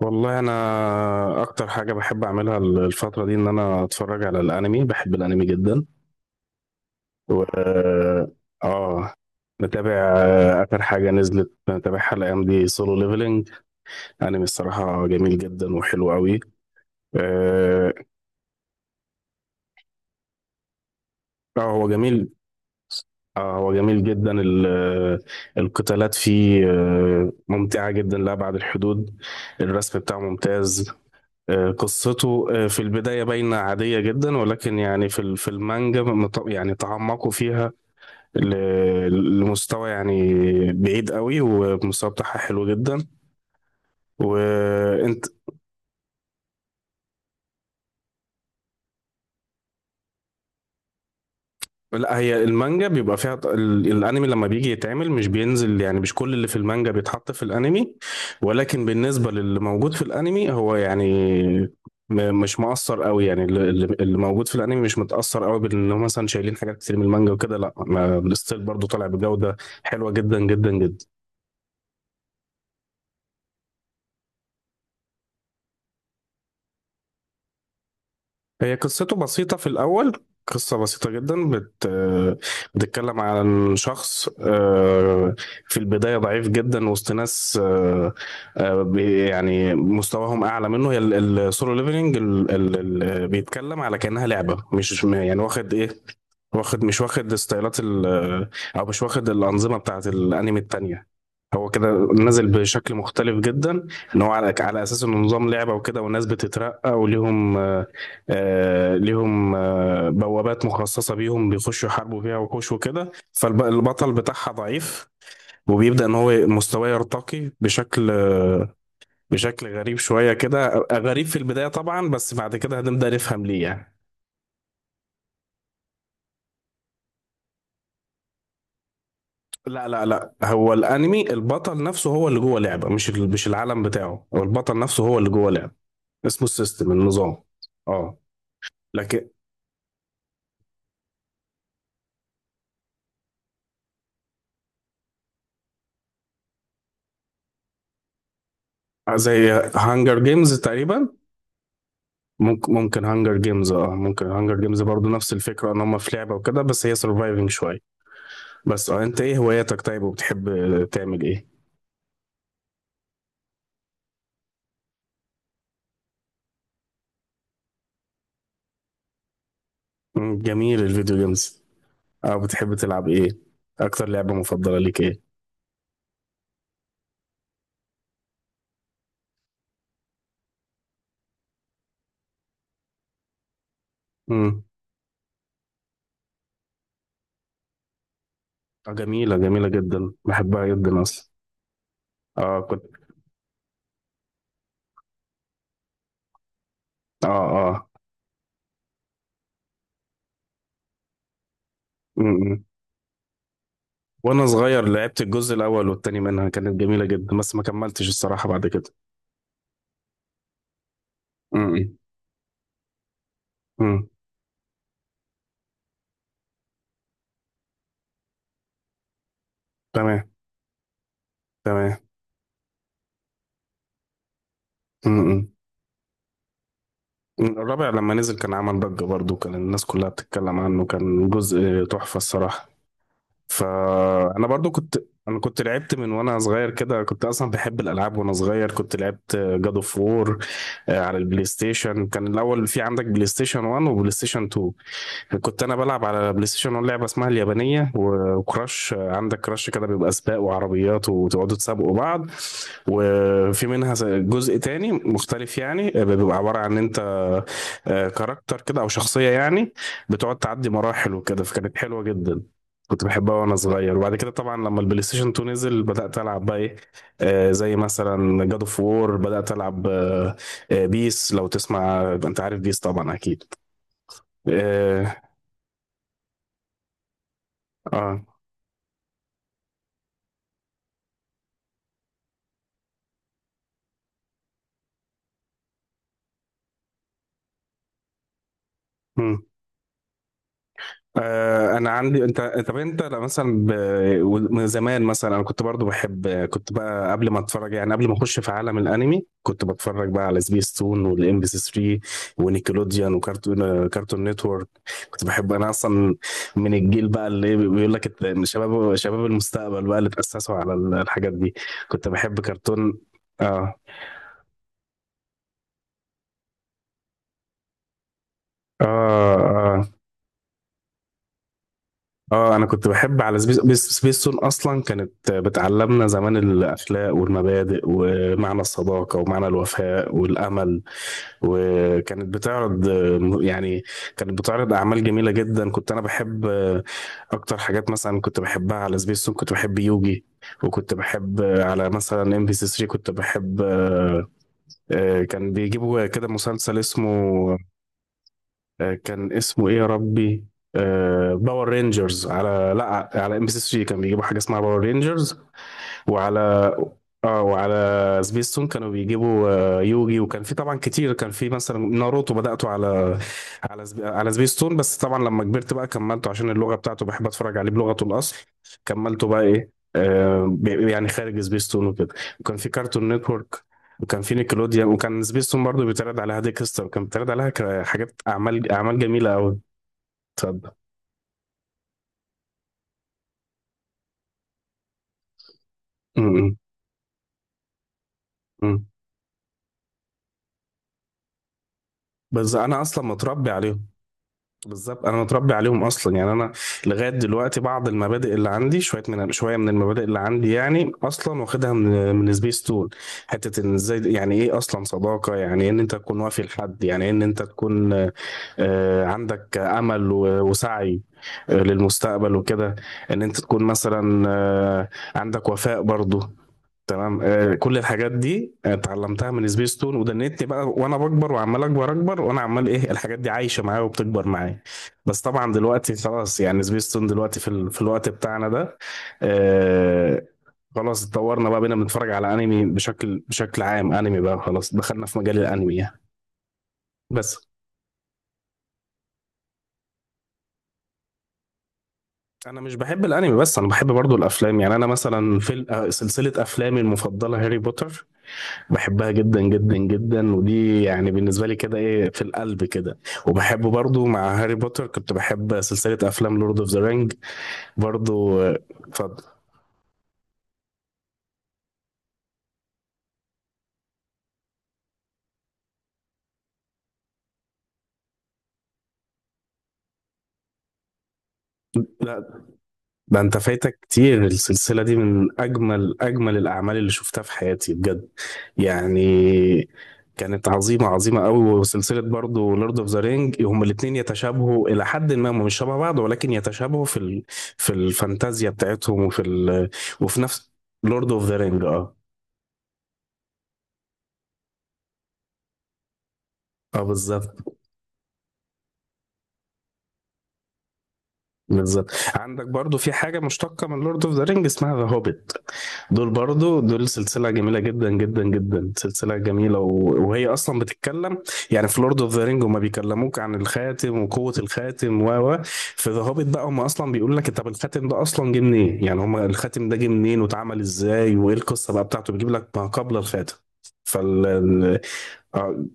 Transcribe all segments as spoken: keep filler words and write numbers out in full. والله انا اكتر حاجه بحب اعملها الفتره دي ان انا اتفرج على الانمي. بحب الانمي جدا و اه نتابع آه، اخر حاجه نزلت نتابعها الايام دي سولو ليفلنج. انمي الصراحه جميل جدا وحلو قوي. اه. آه، هو جميل. اه هو جميل جدا. ال- القتالات فيه آه، ممتعة جدا لأبعد الحدود. الرسم بتاعه ممتاز. آه، قصته آه، في البداية باينة عادية جدا، ولكن يعني في ال- في المانجا مت- يعني تعمقوا فيها ل- لمستوى يعني بعيد قوي، والمستوى بتاعها حلو جدا. وانت؟ لا، هي المانجا بيبقى فيها ط- ال- الانمي لما بيجي يتعمل مش بينزل، يعني مش كل اللي في المانجا بيتحط في الانمي، ولكن بالنسبة للي موجود في الانمي هو يعني م- مش مؤثر قوي. يعني اللي اللي- اللي موجود في الانمي مش متأثر قوي بان هم مثلا شايلين حاجات كتير من المانجا وكده. لا ما- الستيل برضه طالع بجودة حلوة جدا جدا جدا. هي قصته بسيطة في الأول. قصة بسيطة جدا بت... بتتكلم عن شخص آه، في البداية ضعيف جدا وسط ناس آه، آه، بي- يعني مستواهم أعلى منه. هي السولو ليفلنج بيتكلم على كأنها لعبة، مش يعني واخد إيه. واخد مش واخد ستايلات ال، او مش واخد الانظمه بتاعت الانمي التانية. هو كده نازل بشكل مختلف جدا، ان هو على على اساس انه نظام لعبه وكده، والناس بتترقى وليهم آه. آه، ليهم آه بوابات مخصصه بيهم بيخشوا يحاربوا فيها وحوش وكده، فالبطل بتاعها ضعيف، وبيبدأ ان هو مستواه يرتقي بشكل آه، بشكل غريب شويه، كده غريب في البدايه طبعا، بس بعد كده هنبدأ نفهم ليه يعني. لا لا لا، هو الانمي البطل نفسه هو اللي جوه لعبه، مش ال- مش العالم بتاعه. هو البطل نفسه هو اللي جوه لعبه. اسمه السيستم، النظام. اه لكن زي هانجر جيمز تقريبا. ممكن ممكن هانجر جيمز، اه ممكن هانجر جيمز برضو نفس الفكره ان هم في لعبه وكده، بس هي سرفايفنج شويه. بس اه انت ايه هواياتك طيب، وبتحب تعمل ايه؟ مم، جميل الفيديو جيمز. اه بتحب تلعب ايه؟ اكتر لعبه مفضله ليك ايه؟ امم اه جميله جميله جدا بحبها جدا اصلا. اه كنت. اه. اه. م-م. وانا صغير لعبت الجزء الاول والتاني منها، كانت جميله جدا، بس ما كملتش الصراحه بعد كده. م-م. م. تمام. تمام. م-م. م. الرابع لما نزل كان عمل ضجه برضو، كان الناس كلها بتتكلم عنه، كان جزء تحفه الصراحه. فانا برضو كنت. انا كنت لعبت من وانا صغير كده، كنت اصلا بحب الالعاب وانا صغير، كنت لعبت جاد اوف وور على البلاي ستيشن. كان الاول في عندك بلاي ستيشن ون وبلاي ستيشن تو. كنت انا بلعب على بلاي ستيشن أون لعبه اسمها اليابانيه و- وكراش. عندك كراش كده بيبقى سباق وعربيات وتقعدوا تسابقوا بعض. وفي منها ز- جزء تاني مختلف، يعني آه، بيبقى عباره عن ان انت آه، كاركتر كده او شخصيه يعني، بتقعد تعدي مراحل وكده، فكانت حلوه جدا. كنت بحبها وانا صغير. وبعد كده طبعا لما البلاي ستيشن اتنين نزل، بدات العب بقى ايه، آه، زي مثلا جاد اوف وور. بدات العب آه، آه، بيس. لو تسمع، انت عارف بيس طبعا اكيد. اه, آه. آه، انا عندي انت. طب انت لأ مثلا ب... من زمان مثلا انا كنت برضو بحب، كنت بقى قبل ما اتفرج، يعني قبل ما اخش في عالم الانمي كنت بتفرج بقى على سبيس تون والام بي سي ثري ونيكلوديان وكارتون كارتون نتورك. كنت بحب انا اصلا، من الجيل بقى اللي إيه، بيقول لك الت- إن شباب شباب المستقبل بقى اللي تأسسوا على ال- الحاجات دي. كنت بحب كرتون. اه. اه. آه. اه انا كنت بحب على سبيس بيس- سبيستون. اصلا كانت بتعلمنا زمان الاخلاق والمبادئ ومعنى الصداقه ومعنى الوفاء والامل. وكانت بتعرض يعني، كانت بتعرض اعمال جميله جدا. كنت انا بحب آه، اكتر حاجات مثلا كنت بحبها على سبيستون كنت بحب يوجي. وكنت بحب على مثلا ام بي سي تلاتة كنت بحب آه، آه، كان بيجيبوا كده مسلسل اسمه آه، كان اسمه ايه يا ربي، آه، باور رينجرز. على لا على ام بي سي ثري كان بيجيبوا حاجه اسمها باور رينجرز. وعلى اه وعلى سبيستون كانوا بيجيبوا آه، يوجي. وكان في طبعا كتير، كان في مثلا ناروتو بدأته على على سب... على سبيستون، بس طبعا لما كبرت بقى كملته عشان اللغة بتاعته بحب اتفرج عليه بلغته الأصل. كملته بقى ايه، آه ب- يعني خارج سبيستون وكده. وكان في كارتون نتورك، وكان في نيكلوديان، وكان سبيستون برضه بيتعرض عليها ديكستر، وكان بيتعرض عليها ك- حاجات، أعمال أعمال جميلة أوي. تصدق. م- م- م. بس أنا أصلا متربي عليهم. بالظبط انا متربي عليهم اصلا، يعني انا لغايه دلوقتي بعض المبادئ اللي عندي، شويه من شويه من المبادئ اللي عندي يعني اصلا واخدها من من سبيس تون. حته ان ازاي، يعني ايه اصلا صداقه، يعني إيه ان انت تكون وافي لحد، يعني إيه ان انت تكون آه، عندك امل و- وسعي آه، للمستقبل وكده، ان انت تكون مثلا آه، عندك وفاء برضو. تمام، آه، كل الحاجات دي آه، اتعلمتها من سبيس تون، ودنيتني بقى وانا بكبر وعمال اكبر اكبر، وانا عمال ايه الحاجات دي عايشه معايا وبتكبر معايا. بس طبعا دلوقتي خلاص، يعني سبيس تون دلوقتي في ال... في الوقت بتاعنا ده، آه خلاص اتطورنا بقى، بقينا بنتفرج على انمي بشكل بشكل عام. انمي بقى، خلاص دخلنا في مجال الانمي يعني. بس انا مش بحب الانمي، بس انا بحب برضو الافلام. يعني انا مثلا في ال- آه، سلسله افلامي المفضله هاري بوتر، بحبها جدا جدا جدا، ودي يعني بالنسبة لي كده ايه، في القلب كده. وبحب برضو مع هاري بوتر كنت بحب سلسلة افلام لورد اوف ذا رينج برضو آه، اتفضل. لا ده انت فايتك كتير، السلسلة دي من اجمل اجمل الاعمال اللي شفتها في حياتي بجد، يعني كانت عظيمة عظيمة قوي. وسلسلة برضو لورد اوف ذا رينج، هما الاتنين يتشابهوا إلى حد ما، هما مش شبه بعض ولكن يتشابهوا في ال... في الفانتازيا بتاعتهم وفي ال... وفي نفس لورد اوف ذا رينج، اه. اه بالظبط. بالظبط، عندك برضو في حاجة مشتقة من لورد اوف ذا رينج اسمها ذا هوبيت. دول برضو دول سلسلة جميلة جدا جدا جدا. سلسلة جميلة و... وهي أصلا بتتكلم، يعني في لورد اوف ذا رينج هما بيكلموك عن الخاتم وقوة الخاتم و و في ذا هوبيت بقى هما أصلا بيقول لك، طب الخاتم ده أصلا جه منين، يعني هما الخاتم ده جه منين واتعمل ازاي وإيه القصة بقى بتاعته، بيجيب لك ما قبل الخاتم. فال ال- اه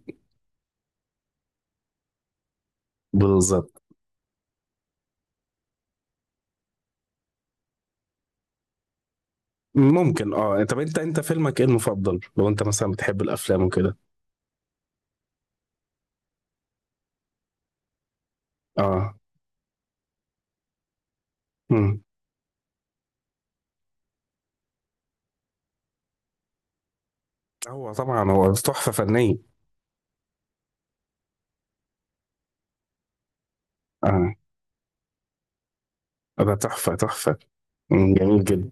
بالظبط. ممكن اه. طب انت انت فيلمك ايه المفضل، لو انت مثلا بتحب الافلام وكده؟ اه مم. هو طبعا هو تحفة فنية. اه ده تحفة تحفة. مم، جميل جدا.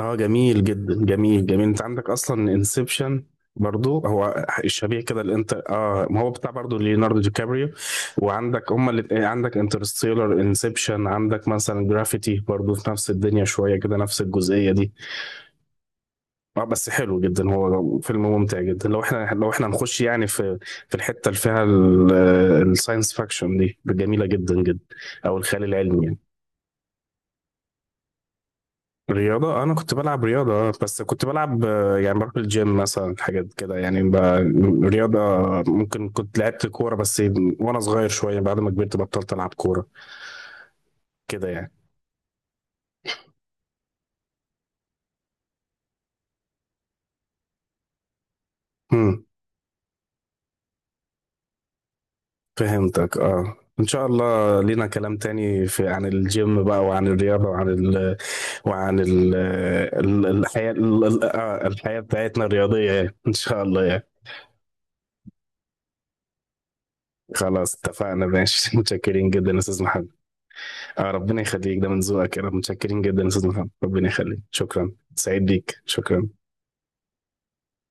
اه جميل جدا جميل جميل. انت عندك اصلا انسبشن برضو، هو الشبيه كده، الانت اه ما هو بتاع برضو ليوناردو دي كابريو. وعندك هما اللي، عندك انترستيلر، انسبشن، عندك مثلا جرافيتي برضو في نفس الدنيا شوية كده، نفس الجزئية دي. اه بس حلو جدا، هو فيلم ممتع جدا لو احنا لو احنا هنخش يعني في في الحته اللي فيها الساينس فاكشن دي، جميله جدا جدا، او الخيال العلمي يعني. رياضه آه، انا كنت بلعب رياضه آه، بس كنت بلعب آه، يعني بروح الجيم مثلا حاجات كده، يعني ب... رياضه آه، ممكن كنت لعبت كوره بس وانا صغير شويه، بعد ما كبرت بطلت العب كوره كده يعني. فهمتك. اه ان شاء الله لينا كلام تاني في، عن الجيم بقى وعن الرياضة وعن ال وعن ال ال- الحياة، ال- ال- آه، الحياة بتاعتنا الرياضية يعني. ان شاء الله يعني. خلاص اتفقنا ماشي متشكرين جدا يا استاذ محمد. اه ربنا يخليك، ده من ذوقك يا رب. متشكرين جدا يا استاذ محمد، ربنا يخليك. شكرا، سعيد بيك، شكرا.